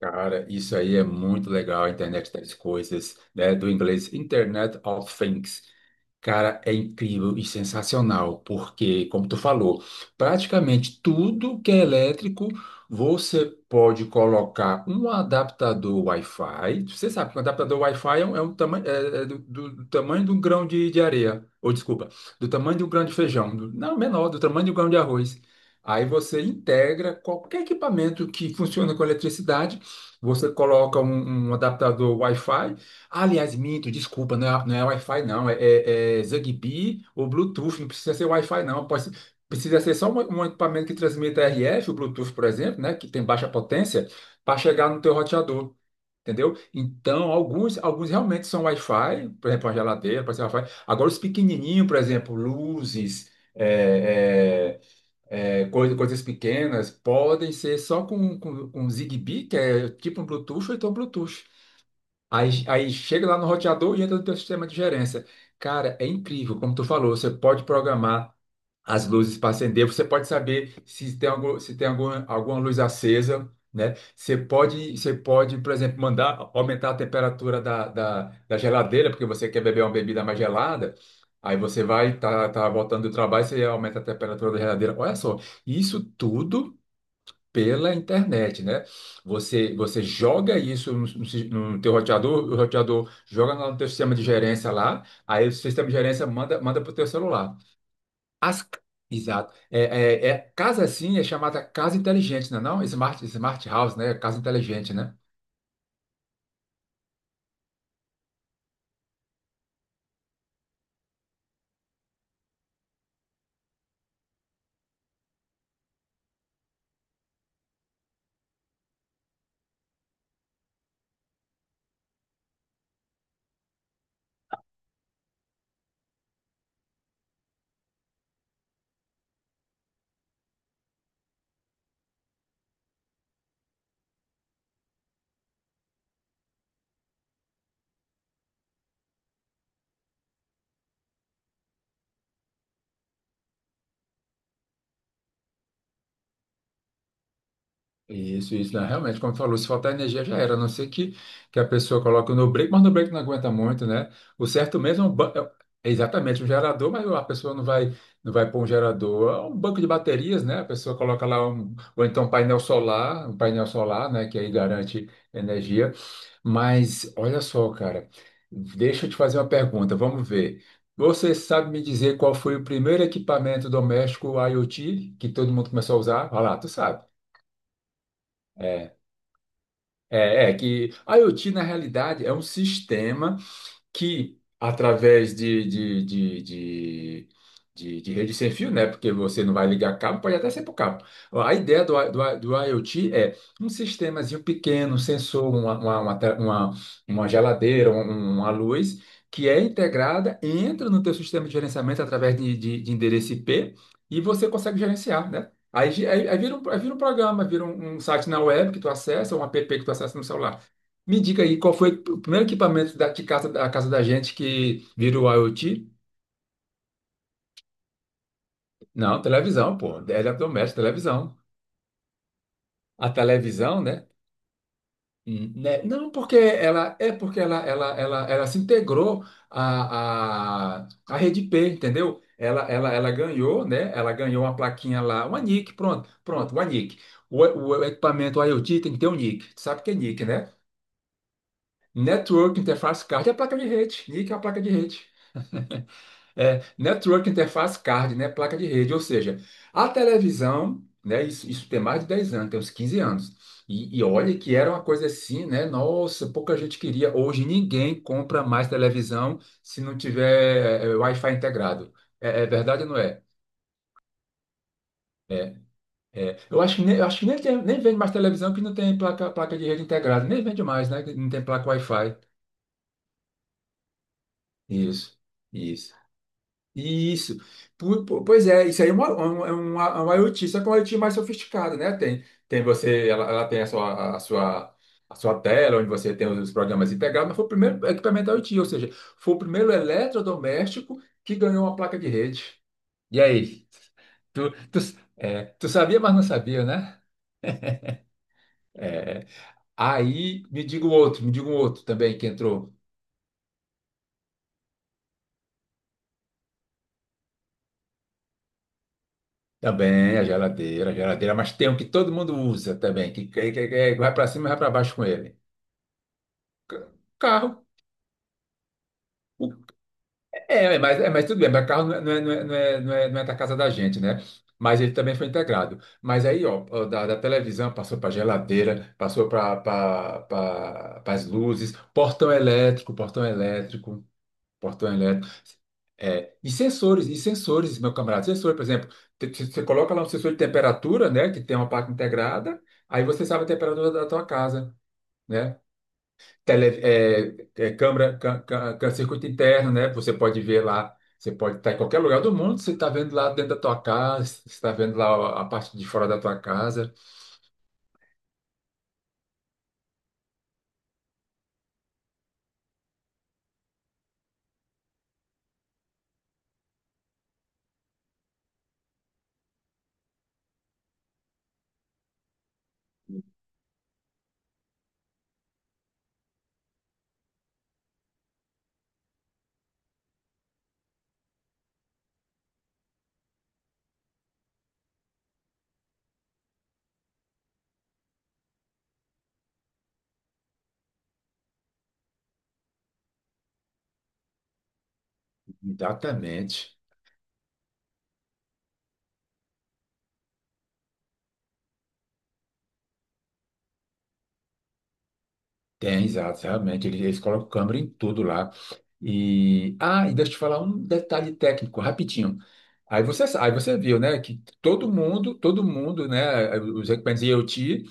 Cara, isso aí é muito legal, a internet das coisas, né? Do inglês Internet of Things. Cara, é incrível e sensacional, porque, como tu falou, praticamente tudo que é elétrico, você pode colocar um adaptador Wi-Fi. Você sabe que um adaptador Wi-Fi é um tamanho, é do, do tamanho de um grão de areia, ou desculpa, do tamanho de um grão de feijão, não, menor, do tamanho de um grão de arroz. Aí você integra qualquer equipamento que funciona com eletricidade, você coloca um adaptador Wi-Fi. Ah, aliás, minto, desculpa, não é Wi-Fi, não. É Zigbee ou Bluetooth. Não precisa ser Wi-Fi, não. Precisa ser só um equipamento que transmita RF, o Bluetooth, por exemplo, né, que tem baixa potência, para chegar no teu roteador. Entendeu? Então, alguns realmente são Wi-Fi, por exemplo, a geladeira, pode ser Wi-Fi. Agora, os pequenininhos, por exemplo, luzes, coisas pequenas podem ser só com Zigbee, que é tipo um Bluetooth, ou então Bluetooth. Aí chega lá no roteador e entra no teu sistema de gerência. Cara, é incrível, como tu falou, você pode programar as luzes para acender, você pode saber se tem algum, se tem alguma luz acesa, né? Você pode, por exemplo, mandar aumentar a temperatura da geladeira, porque você quer beber uma bebida mais gelada. Aí você vai, tá voltando do trabalho, você aumenta a temperatura da geladeira. Olha só, isso tudo pela internet, né? Você joga isso no, no teu roteador, o roteador joga no teu sistema de gerência lá, aí o sistema de gerência manda, manda para o teu celular. As, Exato. Casa assim é chamada casa inteligente, não é não? Smart, smart house, né? Casa inteligente, né? Isso, né? Realmente, como tu falou, se faltar energia já era, a não ser que a pessoa coloque no break, mas no break não aguenta muito, né? O certo mesmo é exatamente um gerador, mas a pessoa não vai pôr um gerador, é um banco de baterias, né? A pessoa coloca lá ou então um painel solar, né? Que aí garante energia. Mas olha só, cara, deixa eu te fazer uma pergunta, vamos ver. Você sabe me dizer qual foi o primeiro equipamento doméstico IoT que todo mundo começou a usar? Olha lá, tu sabe. É, é que a IoT, na realidade, é um sistema que através de rede sem fio, né? Porque você não vai ligar cabo, pode até ser por cabo. A ideia do IoT é um sistemazinho pequeno, um sensor, uma geladeira, uma luz, que é integrada, entra no teu sistema de gerenciamento através de endereço IP e você consegue gerenciar, né? Aí vira um programa, vira um site na web que tu acessa, ou um app que tu acessa no celular. Me diga aí, qual foi o primeiro equipamento da casa da gente que virou IoT? Não, televisão, pô. Eletrodoméstico, televisão. A televisão, né? Né? Não, porque ela é porque ela se integrou à rede P, entendeu? Ela ganhou, né? Ela ganhou uma plaquinha lá, uma NIC, pronto, pronto, uma NIC. O equipamento IoT tem que ter um NIC. Tu sabe o que é NIC, né? Network Interface Card é a placa de rede. NIC é a placa de rede. É, Network Interface Card, né? Placa de rede, ou seja, a televisão, né? Isso tem mais de 10 anos, tem uns 15 anos. E olha que era uma coisa assim, né? Nossa, pouca gente queria. Hoje ninguém compra mais televisão se não tiver Wi-Fi integrado. É, é verdade ou não é? É, eu acho que nem vende mais televisão que não tem placa de rede integrada. Nem vende mais, né? Que não tem placa Wi-Fi. Isso, isso. Isso. Pois é, isso aí é uma IoT, só que é uma IoT mais sofisticada, né? Ela tem a sua, a sua tela, onde você tem os programas integrados, mas foi o primeiro equipamento IoT, ou seja, foi o primeiro eletrodoméstico que ganhou uma placa de rede. E aí? Tu, tu, tu sabia, mas não sabia, né? É. Aí me diga um outro, me diga um outro também que entrou. Também a geladeira, mas tem um que todo mundo usa também, que vai para cima e vai para baixo com ele. Ca- Carro. O- mas tudo bem, mas carro não é da casa da gente, né? Mas ele também foi integrado. Mas aí, ó, ó, da televisão passou para geladeira, passou para as luzes, portão elétrico, portão elétrico, portão elétrico. É, e sensores, meu camarada, sensor, por exemplo, você coloca lá um sensor de temperatura, né, que tem uma parte integrada, aí você sabe a temperatura da tua casa, né? tele, Câmera, circuito interno, né? Você pode ver lá, você pode estar em qualquer lugar do mundo, você está vendo lá dentro da tua casa, você está vendo lá a parte de fora da tua casa. Exatamente. Tem, exato, realmente. Eles colocam câmera em tudo lá. E, ah, e deixa eu te falar um detalhe técnico, rapidinho. Aí você viu, né, que todo mundo, né, os equipamentos IoT,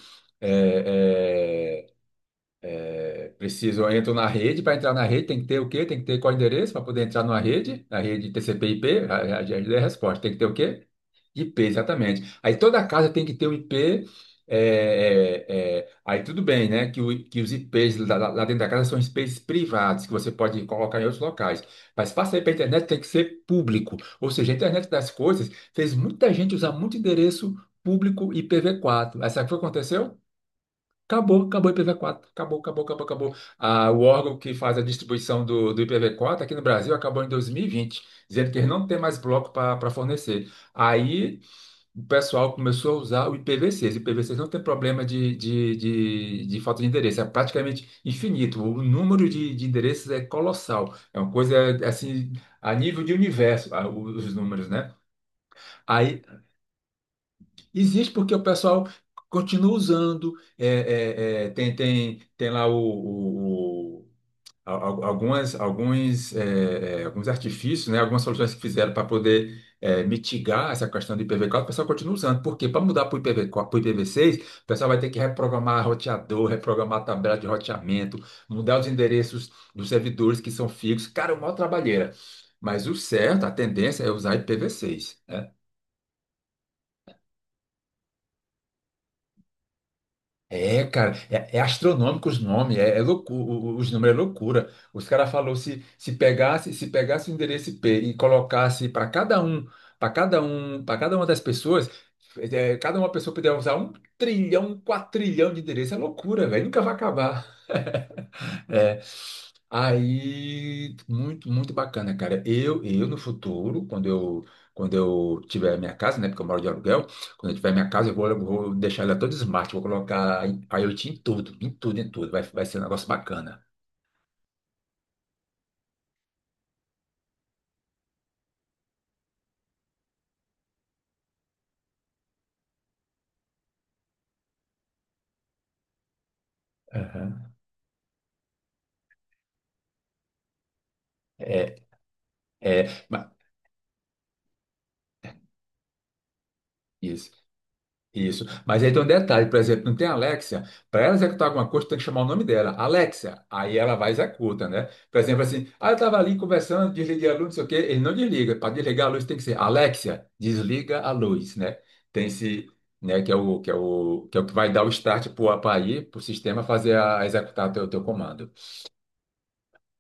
preciso, eu entro na rede, para entrar na rede tem que ter o quê? Tem que ter qual endereço para poder entrar numa rede, na rede TCP/IP, já lhe dei a resposta, tem que ter o quê? IP, exatamente. Aí toda casa tem que ter um IP, é, aí tudo bem, né, que os IPs lá dentro da casa são IPs privados, que você pode colocar em outros locais, mas passa aí para a internet tem que ser público, ou seja, a internet das coisas fez muita gente usar muito endereço público IPv4, essa foi o que aconteceu? Acabou, acabou o IPv4. Acabou, acabou, acabou, acabou. Ah, o órgão que faz a distribuição do IPv4 aqui no Brasil acabou em 2020, dizendo que eles não tem mais bloco para fornecer. Aí o pessoal começou a usar o IPv6. O IPv6 não tem problema de falta de endereço, é praticamente infinito. O número de endereços é colossal. É uma coisa assim, a nível de universo, ah, os números, né? Existe porque o pessoal continua usando, tem lá alguns artifícios, né, algumas soluções que fizeram para poder mitigar essa questão do IPv4, o pessoal continua usando. Porque para mudar para o IPv4, para o IPv6, o pessoal vai ter que reprogramar roteador, reprogramar tabela de roteamento, mudar os endereços dos servidores que são fixos. Cara, é uma maior trabalheira. Mas o certo, a tendência é usar IPv6. É, cara, é astronômico os nomes, é loucura, os números é loucura. Os caras falou se pegasse o endereço IP e colocasse para cada uma das pessoas, é, cada uma pessoa puder usar um trilhão, quatro trilhão de endereço, é loucura, velho, nunca vai acabar. É. Aí, muito, muito bacana, cara. Eu no futuro, quando eu tiver minha casa, né? Porque eu moro de aluguel, quando eu tiver minha casa, eu vou deixar ela toda smart, vou colocar IoT em tudo, em tudo, em tudo. Vai ser um negócio bacana. Aham. É, é, mas, Isso. Mas aí tem um detalhe, por exemplo, não tem Alexia, para ela executar alguma coisa, tem que chamar o nome dela, Alexia. Aí ela vai e executa, né? Por exemplo, assim, ah, eu estava ali conversando, desliguei a luz, não sei o quê, ele não desliga. Para desligar a luz tem que ser Alexia, desliga a luz, né? Tem esse, né, que é o que é o que é o que vai dar o start para ir para o sistema fazer a executar o teu comando.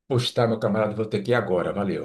Poxa, tá, meu camarada, vou ter que ir agora, valeu.